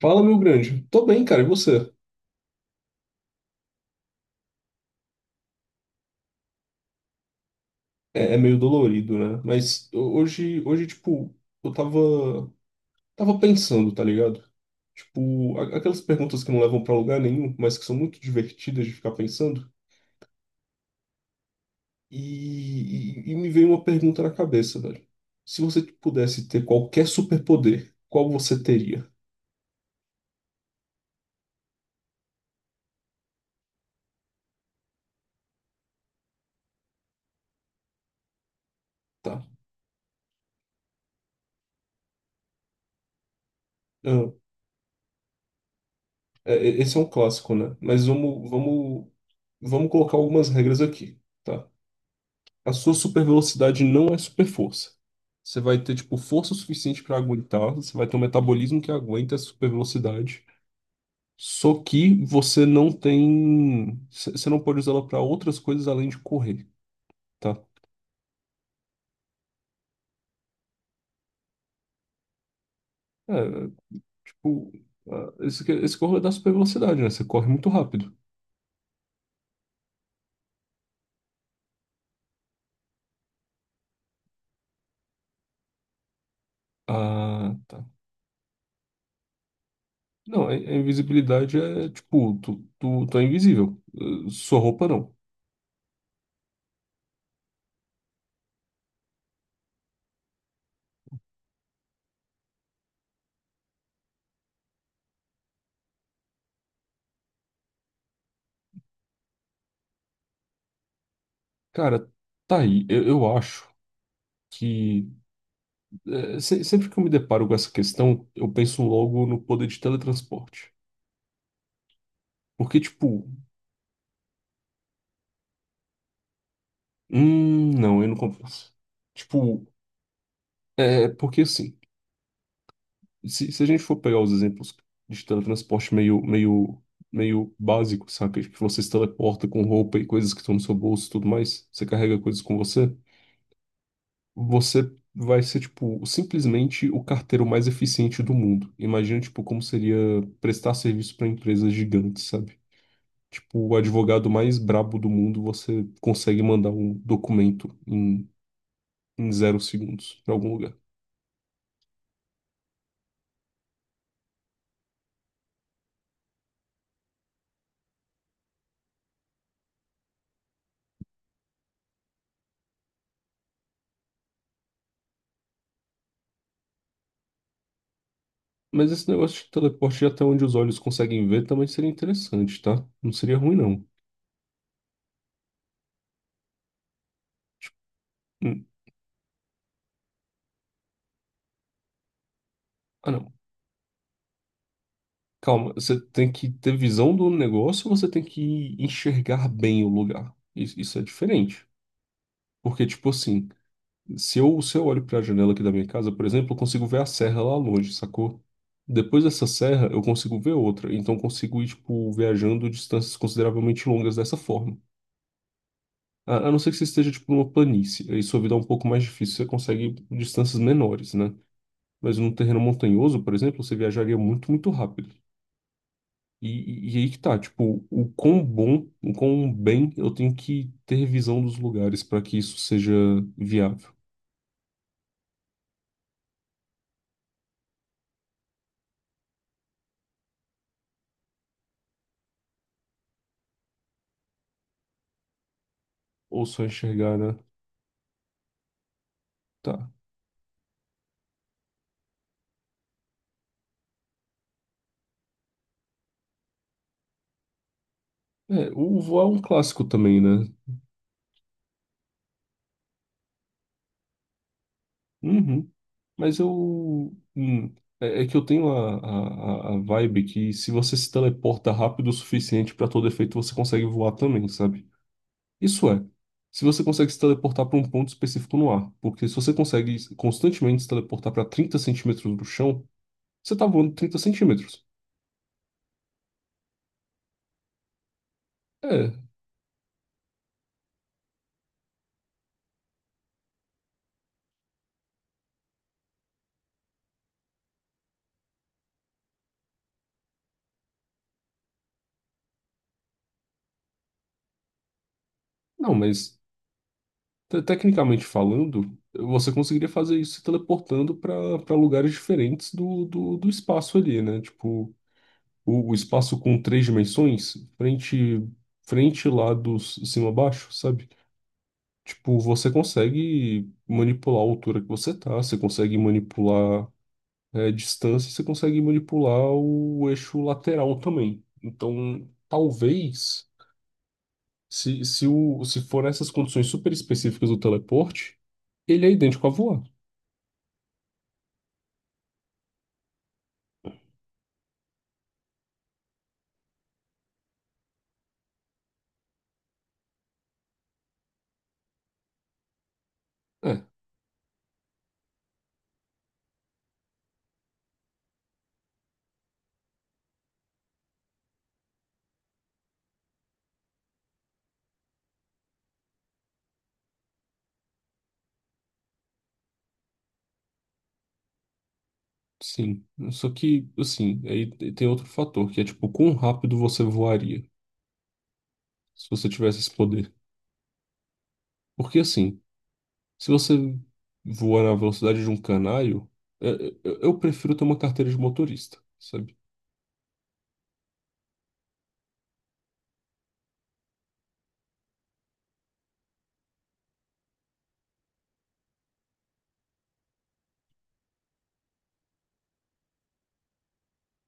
Fala, meu grande. Tô bem, cara, e você? É, é meio dolorido, né? Mas hoje, tipo, eu tava, tava pensando, tá ligado? Tipo, aquelas perguntas que não levam pra lugar nenhum, mas que são muito divertidas de ficar pensando. E me veio uma pergunta na cabeça, velho. Se você pudesse ter qualquer superpoder, qual você teria? Tá. Ah, esse é um clássico, né? Mas vamos, vamos colocar algumas regras aqui, tá? A sua super velocidade não é super força. Você vai ter, tipo, força suficiente para aguentar, você vai ter um metabolismo que aguenta essa super velocidade. Só que você não tem. Você não pode usá-la para outras coisas além de correr, tá? É, tipo, ah, esse corre da super velocidade, né? Você corre muito rápido. Ah, tá. Não, a invisibilidade é tipo, tu é invisível. Sua roupa não. Cara, tá aí. Eu acho que é, sempre que eu me deparo com essa questão, eu penso logo no poder de teletransporte. Porque, tipo, não, eu não compensa. Tipo, é porque assim, se a gente for pegar os exemplos de teletransporte meio, meio básico, saca? Tipo, você se teleporta com roupa e coisas que estão no seu bolso e tudo mais, você carrega coisas com você, você vai ser, tipo, simplesmente o carteiro mais eficiente do mundo. Imagina, tipo, como seria prestar serviço para empresas gigantes, sabe? Tipo, o advogado mais brabo do mundo, você consegue mandar um documento em 0 segundos pra algum lugar. Mas esse negócio de teleporte até onde os olhos conseguem ver também seria interessante, tá? Não seria ruim, não. Hum. Ah, não. Calma, você tem que ter visão do negócio ou você tem que enxergar bem o lugar? Isso é diferente. Porque, tipo assim, se eu olho para a janela aqui da minha casa, por exemplo, eu consigo ver a serra lá longe, sacou? Depois dessa serra, eu consigo ver outra. Então, eu consigo ir, tipo, viajando distâncias consideravelmente longas dessa forma. A não ser que você esteja, tipo, numa planície. Aí sua vida é um pouco mais difícil, você consegue distâncias menores, né? Mas num terreno montanhoso, por exemplo, você viajaria muito, muito rápido. E aí que tá, tipo, o quão bom, o quão bem eu tenho que ter visão dos lugares para que isso seja viável. Ou só enxergar, né? Tá. É, o Vô é um clássico também, né? Uhum. Mas eu. Hum, é, é que eu tenho a vibe que se você se teleporta rápido o suficiente para todo efeito, você consegue voar também, sabe? Isso é. Se você consegue se teleportar para um ponto específico no ar. Porque se você consegue constantemente se teleportar para 30 centímetros do chão, você tá voando 30 centímetros. É. Não, mas tecnicamente falando, você conseguiria fazer isso se teleportando para lugares diferentes do espaço ali, né? Tipo, o espaço com três dimensões, frente, lado, cima, baixo, sabe? Tipo, você consegue manipular a altura que você tá, você consegue manipular é, distância, você consegue manipular o eixo lateral também. Então, talvez, se for essas condições super específicas do teleporte, ele é idêntico a voar. É, sim. Só que, assim, aí tem outro fator, que é tipo, quão rápido você voaria se você tivesse esse poder. Porque assim, se você voa na velocidade de um canário, é, é, eu prefiro ter uma carteira de motorista, sabe?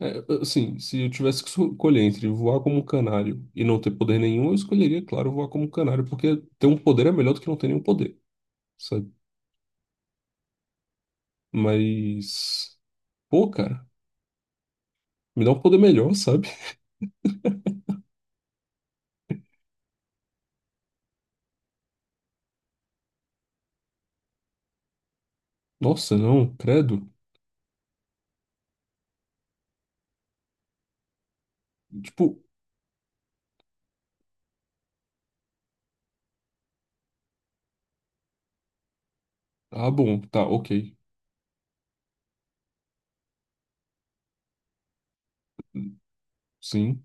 É, é, assim, se eu tivesse que escolher entre voar como um canário e não ter poder nenhum, eu escolheria, claro, voar como um canário, porque ter um poder é melhor do que não ter nenhum poder, sabe? Mas, pô, cara, me dá um poder melhor, sabe? Nossa, não, credo. Tipo, ah, bom, tá, ok, sim.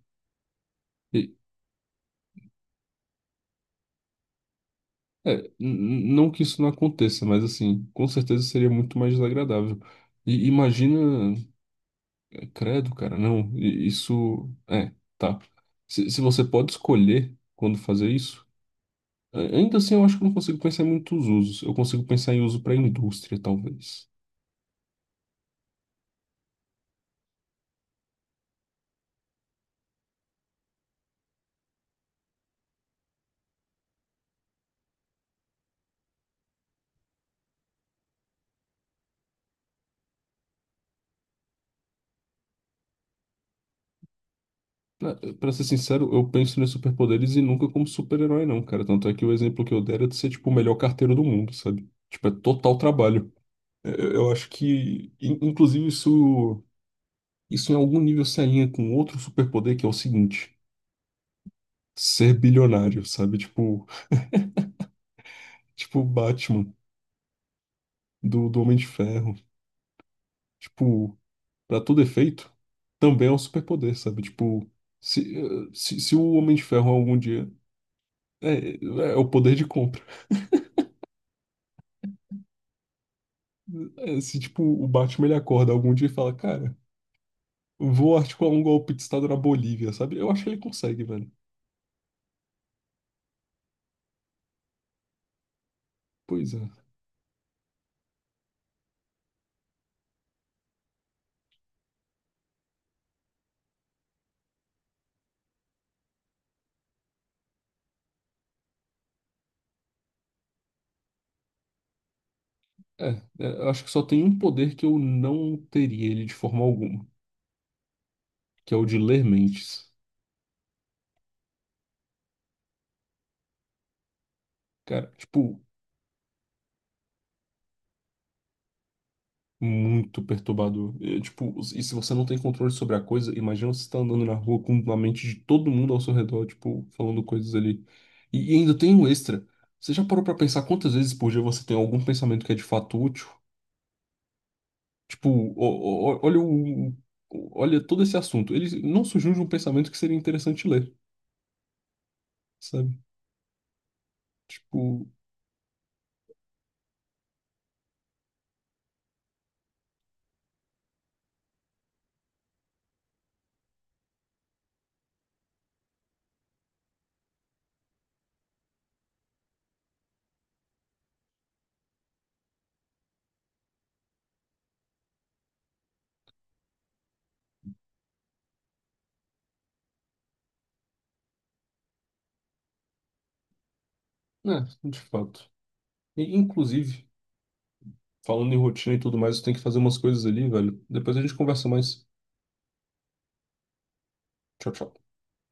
É, não que isso não aconteça, mas assim, com certeza seria muito mais desagradável. E imagina, é, credo, cara, não, isso, é, tá. Se você pode escolher quando fazer isso, ainda assim eu acho que eu não consigo pensar em muitos usos. Eu consigo pensar em uso para indústria, talvez. Pra ser sincero, eu penso nos superpoderes e nunca como super-herói, não, cara. Tanto é que o exemplo que eu der é de ser, tipo, o melhor carteiro do mundo, sabe? Tipo, é total trabalho. É, eu acho que, inclusive, isso. Isso em algum nível se alinha com outro superpoder que é o seguinte: ser bilionário, sabe? Tipo, tipo o Batman do Homem de Ferro. Tipo, pra todo efeito, também é um superpoder, sabe? Tipo, se, eh, se o Homem de Ferro algum dia. É, é é o poder de compra. É, se, tipo, o Batman ele acorda algum dia e fala: Cara, vou articular um golpe de Estado na Bolívia, sabe? Eu acho que ele consegue, velho. Pois é. É, eu acho que só tem um poder que eu não teria ele de forma alguma, que é o de ler mentes. Cara, tipo, muito perturbador. É, tipo, e se você não tem controle sobre a coisa, imagina você tá andando na rua com a mente de todo mundo ao seu redor, tipo, falando coisas ali. E ainda tem um extra. Você já parou pra pensar quantas vezes por dia você tem algum pensamento que é de fato útil? Tipo, o- olha o, olha todo esse assunto. Ele não surgiu de um pensamento que seria interessante ler, sabe? Tipo, né, de fato. E, inclusive, falando em rotina e tudo mais, eu tenho que fazer umas coisas ali, velho. Depois a gente conversa mais. Tchau, tchau.